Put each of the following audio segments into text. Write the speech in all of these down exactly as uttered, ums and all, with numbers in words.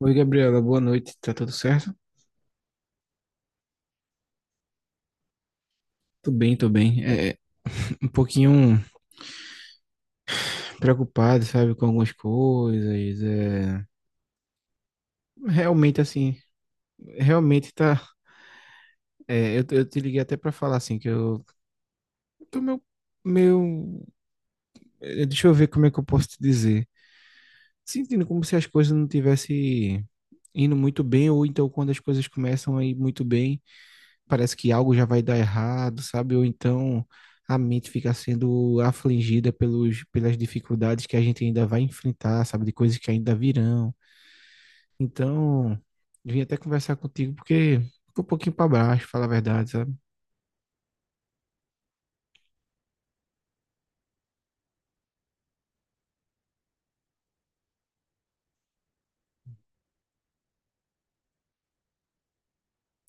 Oi, Gabriela, boa noite. Tá tudo certo? Tô bem, tô bem. É, um pouquinho preocupado, sabe, com algumas coisas. É, realmente, assim, realmente tá. é, eu, eu te liguei até pra falar, assim, que eu tô meio, meio. é, Deixa eu ver como é que eu posso te dizer. Sentindo como se as coisas não tivessem indo muito bem, ou então quando as coisas começam a ir muito bem, parece que algo já vai dar errado, sabe? Ou então a mente fica sendo afligida pelos, pelas dificuldades que a gente ainda vai enfrentar, sabe? De coisas que ainda virão. Então, vim até conversar contigo porque ficou um pouquinho para baixo, falar a verdade, sabe?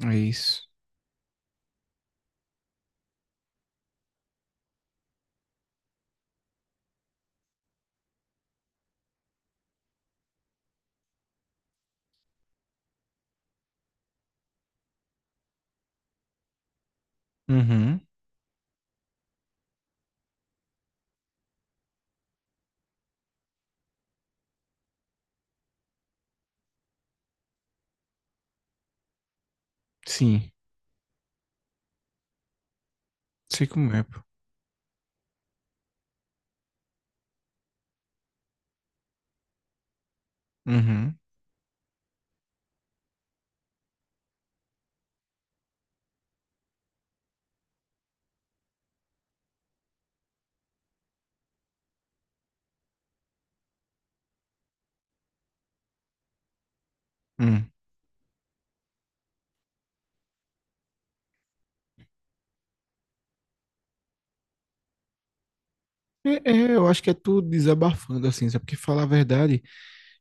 É isso. Uhum. Sim. Sei como é, pô. Uhum. Hum. É, é, eu acho que é tudo desabafando, assim, sabe? Porque falar a verdade,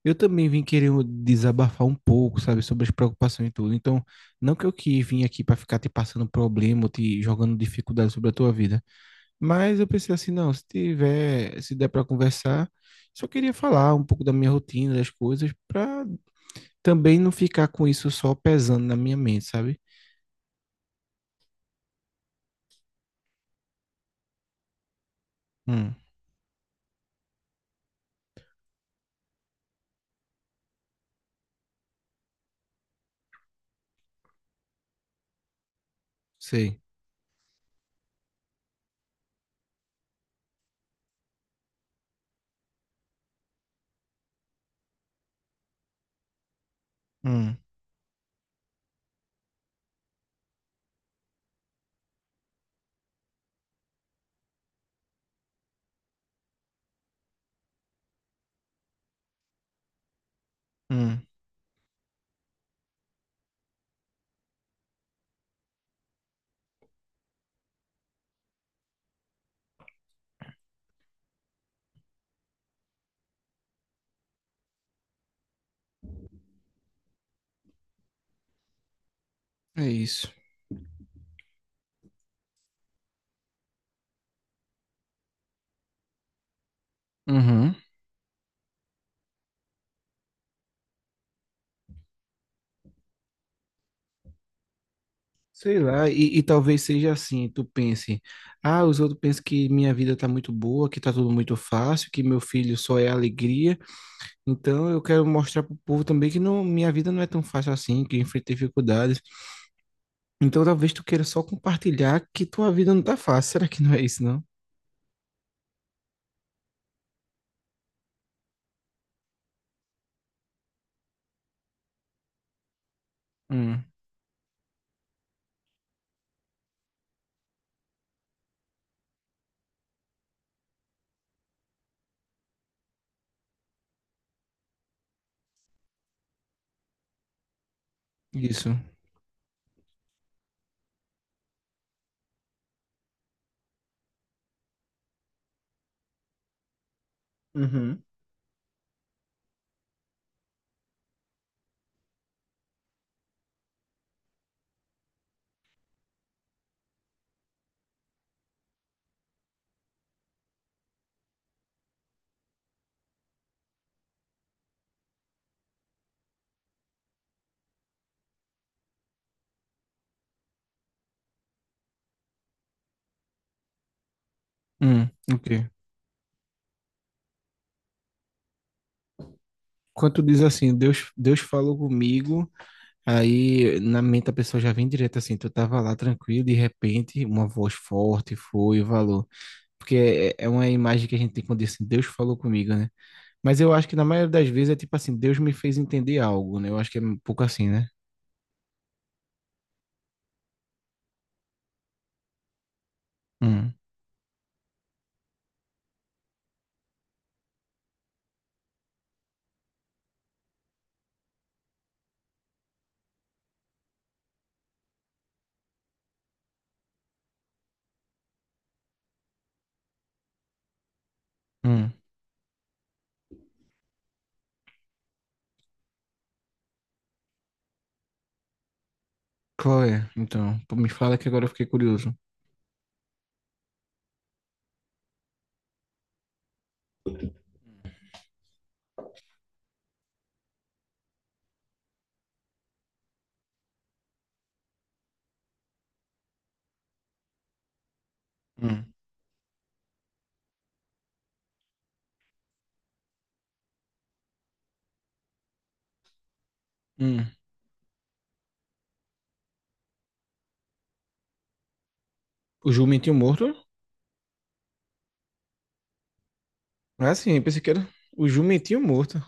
eu também vim querer desabafar um pouco, sabe, sobre as preocupações e tudo. Então, não que eu que vim aqui para ficar te passando problema, ou te jogando dificuldade sobre a tua vida, mas eu pensei assim, não, se tiver, se der para conversar, só queria falar um pouco da minha rotina, das coisas, para também não ficar com isso só pesando na minha mente, sabe? Hum, sei. Hum, hum, é isso. Uhum. Sei lá, e, e talvez seja assim, tu pense, ah, os outros pensam que minha vida tá muito boa, que tá tudo muito fácil, que meu filho só é alegria, então eu quero mostrar pro povo também que não, minha vida não é tão fácil assim, que eu enfrentei dificuldades. Então talvez tu queira só compartilhar que tua vida não tá fácil. Será que não é isso, não? Hum, isso. Uhum. Hum, ok. Quando tu diz assim, Deus, Deus falou comigo, aí na mente a pessoa já vem direto assim, tu tava lá tranquilo, de repente uma voz forte foi e falou. Porque é é é uma imagem que a gente tem quando diz assim, Deus falou comigo, né? Mas eu acho que na maioria das vezes é tipo assim, Deus me fez entender algo, né? Eu acho que é um pouco assim, né? Hum, hum. Chloe, então, pô, me fala que agora eu fiquei curioso. Hum, hum. O Jumentinho Morto? Ah, sim, pensei que era o Jumentinho Morto.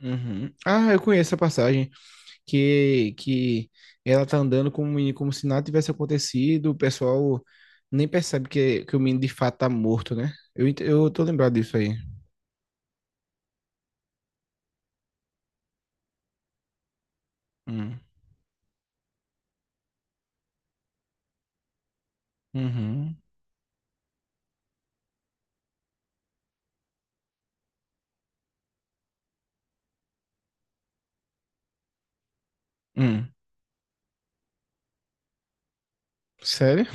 Uhum. Ah, eu conheço a passagem que, que ela tá andando como, um menino, como se nada tivesse acontecido, o pessoal nem percebe que, que o menino de fato tá morto, né? Eu, ent- eu tô lembrado disso aí. Hum. Uhum. Hum. Sério?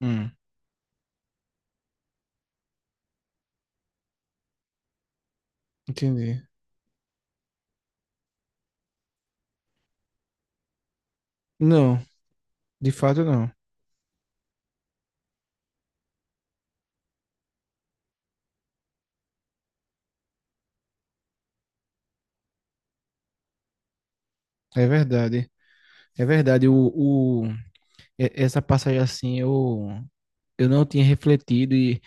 Hum. Entendi. Não, de fato não. É verdade. É verdade. O, o, e- Essa passagem assim, eu, eu não tinha refletido e,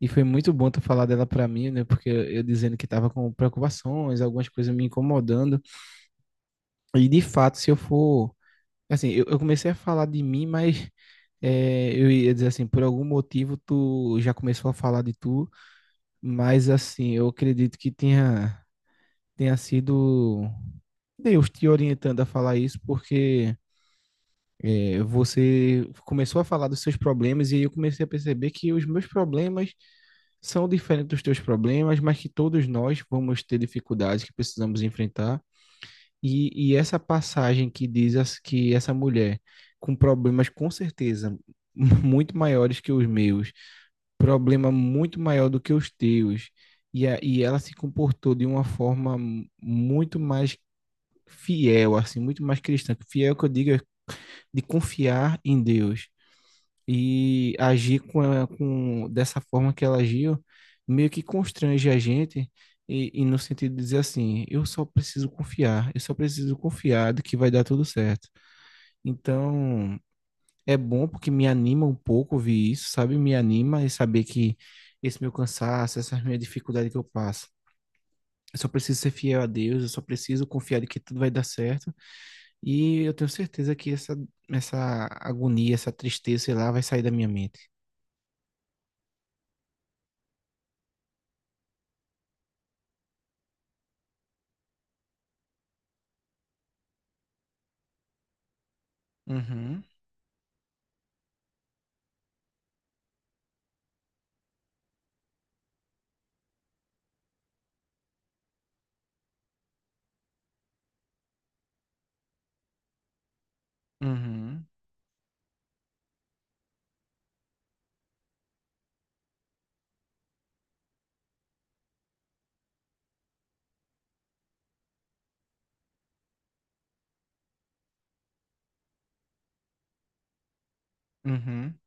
e foi muito bom tu falar dela pra mim, né? Porque eu, eu dizendo que tava com preocupações, algumas coisas me incomodando. E de fato, se eu for. Assim, eu, eu comecei a falar de mim, mas é, eu ia dizer assim, por algum motivo tu já começou a falar de tu, mas assim, eu acredito que tenha, tenha sido Deus te orientando a falar isso, porque é, você começou a falar dos seus problemas e aí eu comecei a perceber que os meus problemas são diferentes dos teus problemas, mas que todos nós vamos ter dificuldades que precisamos enfrentar. E, e essa passagem que diz as- que essa mulher com problemas com certeza muito maiores que os meus, problema muito maior do que os teus, e, a, e ela se comportou de uma forma muito mais fiel, assim, muito mais cristã. Fiel que eu digo é de confiar em Deus e agir com, a- com dessa forma que ela agiu, meio que constrange a gente e, e no sentido de dizer assim, eu só preciso confiar, eu só preciso confiar de que vai dar tudo certo. Então, é bom porque me anima um pouco ouvir isso, sabe? Me anima e saber que esse meu cansaço, essa minha dificuldade que eu passo, eu só preciso ser fiel a Deus, eu só preciso confiar de que tudo vai dar certo. E eu tenho certeza que essa, essa agonia, essa tristeza, sei lá, vai sair da minha mente. Uhum, uhum, uhum.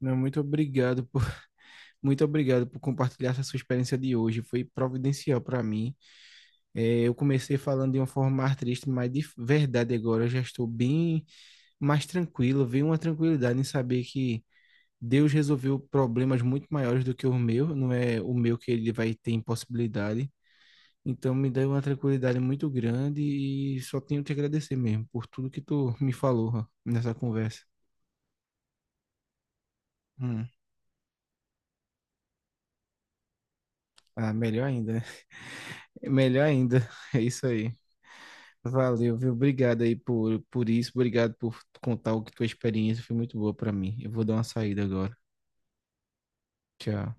Não, muito obrigado por, muito obrigado por compartilhar essa sua experiência de hoje. Foi providencial para mim. É, eu comecei falando de uma forma mais triste, mas de verdade agora eu já estou bem mais tranquilo. Veio uma tranquilidade em saber que Deus resolveu problemas muito maiores do que o meu. Não é o meu que ele vai ter impossibilidade. Então me deu uma tranquilidade muito grande e só tenho que agradecer mesmo por tudo que tu me falou ó, nessa conversa. Hum. Ah, melhor ainda, né? Melhor ainda. É isso aí. Valeu, viu? Obrigado aí por, por isso. Obrigado por contar o que tua experiência foi muito boa pra mim. Eu vou dar uma saída agora. Tchau.